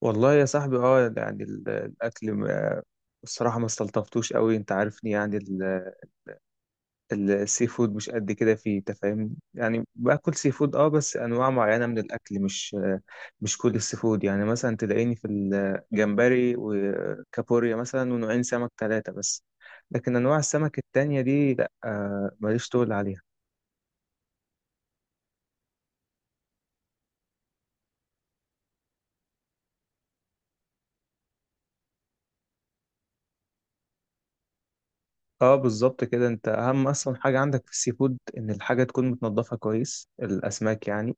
والله يا صاحبي، يعني الاكل الصراحه ما استلطفتوش قوي، انت عارفني، يعني السي فود مش قد كده فيه، انت فاهمني، يعني باكل سي فود، بس انواع معينه من الاكل، مش كل السي فود يعني، مثلا تلاقيني في الجمبري وكابوريا مثلا، ونوعين سمك ثلاثه بس، لكن انواع السمك التانية دي، لا، ماليش طول عليها. اه، بالظبط كده. انت اهم اصلا حاجه عندك في السي فود ان الحاجه تكون متنضفه كويس، الاسماك يعني،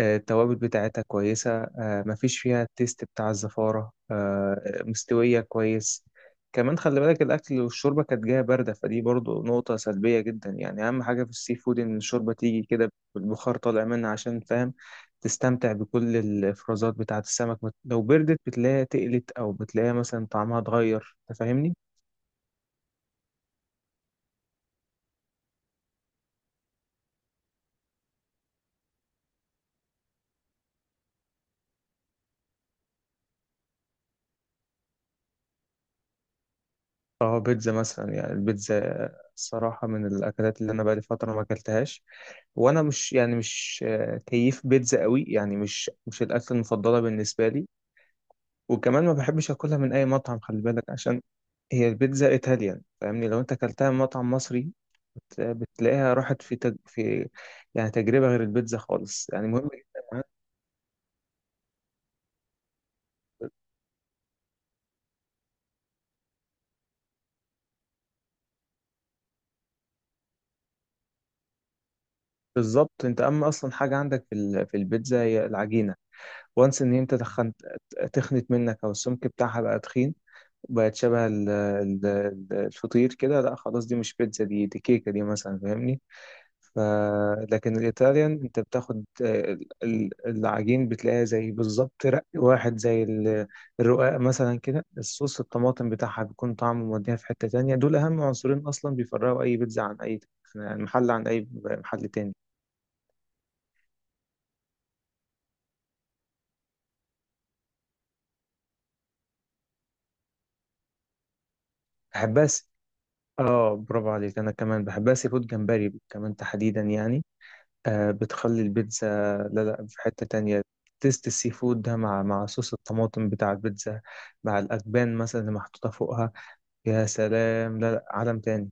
التوابل بتاعتها كويسة، مفيش فيها التيست بتاع الزفارة، مستوية كويس. كمان خلي بالك، الأكل والشوربة كانت جاية باردة، فدي برضو نقطة سلبية جدا. يعني أهم حاجة في السي فود إن الشوربة تيجي كده بالبخار طالع منها، عشان فاهم تستمتع بكل الإفرازات بتاعة السمك. لو بردت، بتلاقيها تقلت، أو بتلاقيها مثلا طعمها اتغير، أنت فاهمني؟ اه، بيتزا مثلا، يعني البيتزا الصراحة من الأكلات اللي أنا بقالي فترة ما أكلتهاش، وانا مش، يعني مش كيف بيتزا قوي يعني، مش الاكل المفضله بالنسبه لي. وكمان ما بحبش اكلها من اي مطعم، خلي بالك، عشان هي البيتزا ايطاليان، فاهمني، لو انت اكلتها من مطعم مصري، بتلاقيها راحت في يعني تجربه غير البيتزا خالص، يعني مهم جدا معاك. بالظبط، انت اما اصلا حاجه عندك في البيتزا هي العجينه، وانس ان انت تخنت منك، او السمك بتاعها بقى تخين، بقت شبه الفطير كده. لا خلاص، دي مش بيتزا، دي كيكه دي مثلا، فاهمني؟ ف... لكن الإيطاليان، أنت بتاخد العجين، بتلاقيها زي بالظبط رق واحد زي الرقاق مثلا كده، الصوص الطماطم بتاعها بيكون طعمه موديها في حتة تانية. دول أهم عنصرين أصلا بيفرقوا أي بيتزا عن أي محل تاني. بحبها آه، برافو عليك. أنا كمان بحبها سي فود، جمبري كمان تحديدا يعني. آه، بتخلي البيتزا. لا لا، في حتة تانية، تيست السي فود ده مع صوص الطماطم بتاع البيتزا، مع الأجبان مثلا اللي محطوطة فوقها، يا سلام. لا لا، عالم تاني.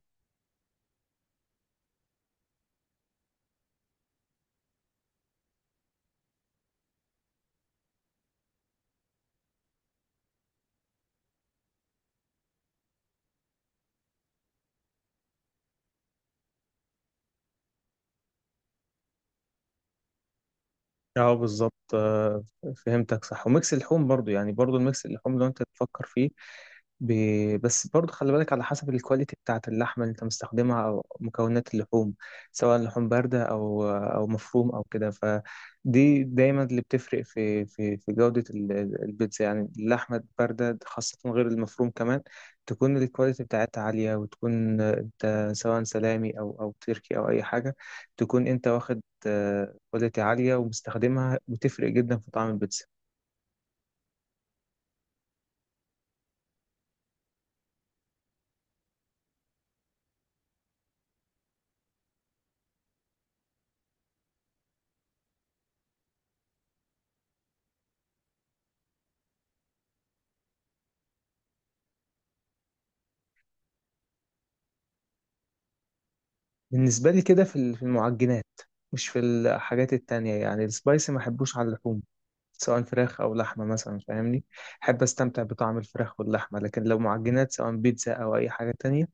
اه بالظبط، فهمتك صح. وميكس اللحوم برضو، يعني برضو الميكس اللحوم لو انت تفكر فيه، ب... بس برضه خلي بالك، على حسب الكواليتي بتاعة اللحمة اللي انت مستخدمها او مكونات اللحوم، سواء لحوم باردة او مفروم او كده، فدي دايما اللي بتفرق في جودة البيتزا يعني. اللحمة الباردة خاصة، غير المفروم كمان، تكون الكواليتي بتاعتها عالية. وتكون انت سواء سلامي او تركي او اي حاجة، تكون انت واخد كواليتي عالية ومستخدمها، وتفرق جدا في طعم البيتزا. بالنسبة لي كده في المعجنات، مش في الحاجات التانية. يعني السبايسي ما احبوش على اللحوم، سواء فراخ أو لحمة مثلا، فاهمني. أحب أستمتع بطعم الفراخ واللحمة، لكن لو معجنات، سواء بيتزا أو أي حاجة تانية،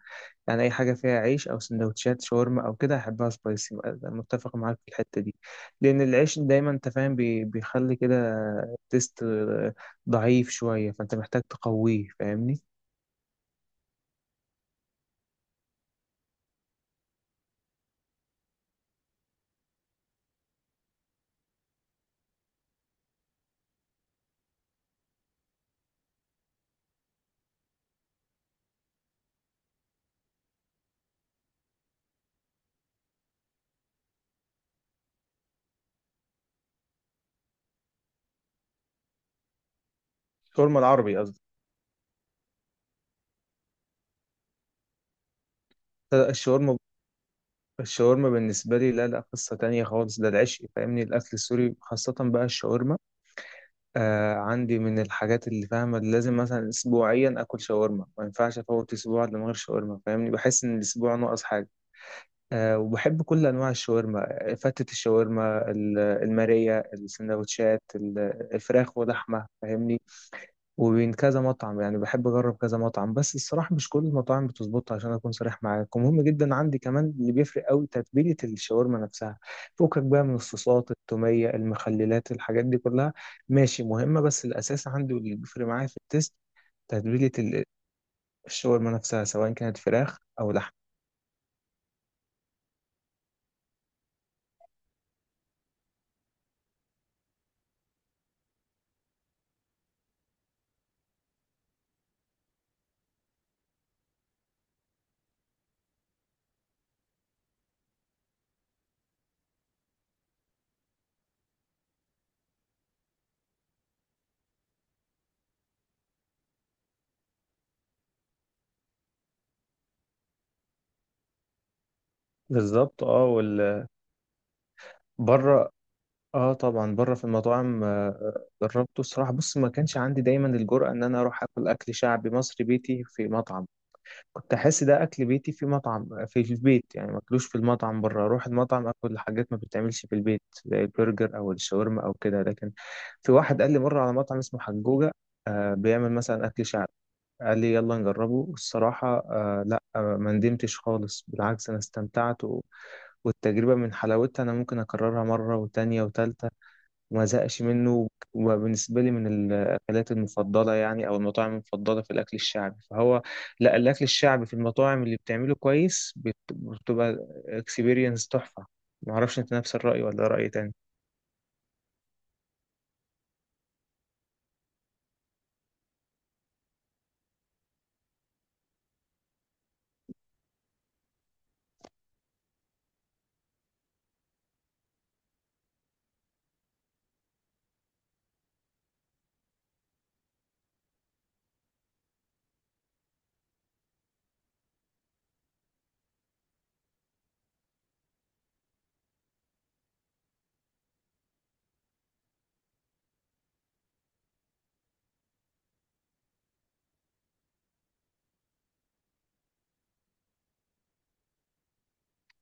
يعني أي حاجة فيها عيش أو سندوتشات شاورما أو كده، أحبها سبايسي. أنا متفق معاك في الحتة دي، لأن العيش دايما، أنت فاهم، بيخلي كده تيست ضعيف شوية، فأنت محتاج تقويه، فاهمني. شاورما العربي قصدي. الشاورما الشاورما بالنسبة لي، لا لا، قصة تانية خالص. ده العشق، فاهمني، الأكل السوري، خاصة بقى الشاورما. عندي من الحاجات اللي فاهمة لازم مثلا أسبوعيا آكل شاورما، ما ينفعش أفوت أسبوع إلا من غير شاورما، فاهمني، بحس إن الأسبوع ناقص حاجة. وبحب كل أنواع الشاورما، فتة الشاورما، المارية، السندوتشات، الفراخ ولحمة، فاهمني. وبين كذا مطعم يعني، بحب اجرب كذا مطعم، بس الصراحه مش كل المطاعم بتظبط، عشان اكون صريح معاك. ومهم جدا عندي كمان اللي بيفرق قوي، تتبيله الشاورما نفسها، فوقك بقى من الصوصات، التوميه، المخللات، الحاجات دي كلها ماشي مهمه، بس الاساس عندي واللي بيفرق معايا في التست، تتبيله الشاورما نفسها، سواء كانت فراخ او لحم. بالظبط. اه وال بره. اه، طبعا بره في المطاعم. جربته الصراحه. بص، ما كانش عندي دايما الجرأة ان انا اروح اكل اكل شعبي مصري بيتي في مطعم. كنت احس ده اكل بيتي، في مطعم في البيت يعني ماكلوش في المطعم بره. اروح المطعم اكل حاجات ما بتتعملش في البيت، زي البرجر او الشاورما او كده. لكن في واحد قال لي مره على مطعم اسمه حجوجه، بيعمل مثلا اكل شعبي، قال لي يلا نجربه. الصراحه، لا، ما ندمتش خالص، بالعكس، انا استمتعت، والتجربه من حلاوتها انا ممكن اكررها مره وتانية وتالتة، وما زهقش منه. وبالنسبة لي من الأكلات المفضلة، يعني، أو المطاعم المفضلة في الأكل الشعبي، فهو، لا، الأكل الشعبي في المطاعم اللي بتعمله كويس بتبقى اكسبيرينس تحفة. معرفش أنت نفس الرأي ولا رأي تاني؟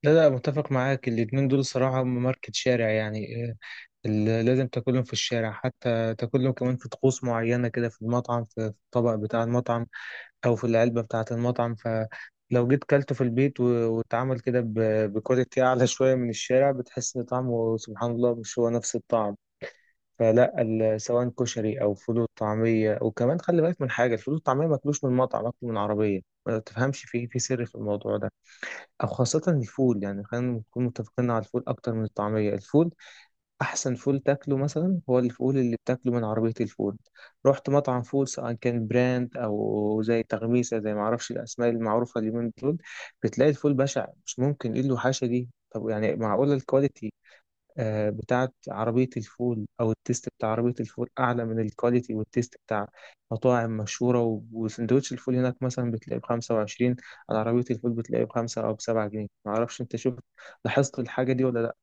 لا لا، متفق معاك. الاتنين دول صراحة هم ماركة شارع يعني، لازم تاكلهم في الشارع، حتى تاكلهم كمان في طقوس معينة كده في المطعم، في الطبق بتاع المطعم، او في العلبه بتاعه المطعم. فلو جيت كلته في البيت واتعمل كده بكواليتي اعلى شويه من الشارع، بتحس ان طعمه، سبحان الله، مش هو نفس الطعم. فلا، سواء كشري او فول طعميه. وكمان خلي بالك من حاجه، الفول الطعميه ماكلوش من مطعم، ماكله من عربيه، ما تفهمش في سر في الموضوع ده. او خاصه الفول، يعني خلينا نكون متفقين على الفول اكتر من الطعميه. الفول، احسن فول تاكله مثلا هو الفول اللي بتاكله من عربيه الفول. رحت مطعم فول، سواء كان براند او زي تغميسه، زي ما اعرفش الاسماء المعروفه اليومين دول، بتلاقي الفول بشع، مش ممكن، ايه له، حاشا دي. طب يعني معقوله الكواليتي بتاعت عربيه الفول او التيست بتاع عربيه الفول اعلى من الكواليتي والتيست بتاع مطاعم مشهوره؟ وسندوتش الفول هناك مثلا بتلاقيه ب 25، على عربيه الفول بتلاقيه ب5 او ب7 جنيه. معرفش انت شفت، لاحظت الحاجه دي ولا لا؟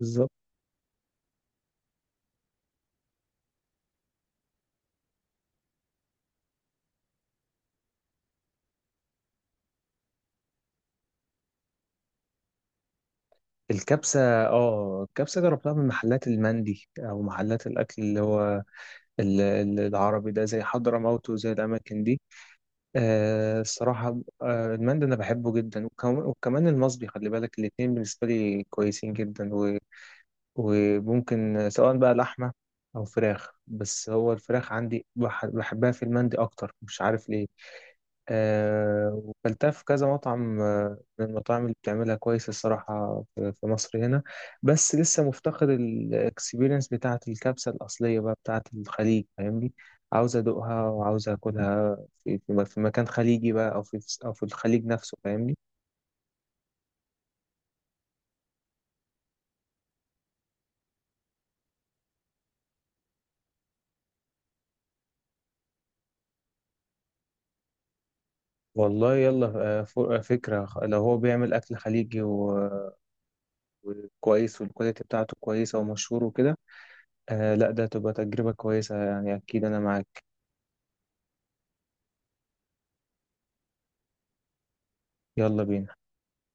بالظبط. الكبسة، اه الكبسة جربتها من محلات المندي، أو محلات الأكل اللي هو العربي ده، زي حضرموت وزي الأماكن دي. الصراحة، المندي أنا بحبه جدا، وكمان المصبي، خلي بالك الاتنين بالنسبة لي كويسين جدا. وممكن سواء بقى لحمة أو فراخ، بس هو الفراخ عندي بحبها في المندي أكتر، مش عارف ليه. وكلتها في كذا مطعم، من المطاعم اللي بتعملها كويس الصراحة في مصر هنا. بس لسه مفتقد الاكسبيرينس بتاعة الكبسة الأصلية بقى، بتاعة الخليج، فاهمني. عاوز أدوقها، وعاوز أكلها في مكان خليجي بقى، أو في الخليج نفسه، فاهمني. والله يلا. فكرة، لو هو بيعمل أكل خليجي وكويس، والكواليتي بتاعته كويسة ومشهور وكده، لا، ده تبقى تجربة كويسة يعني، أكيد أنا معاك. يلا بينا.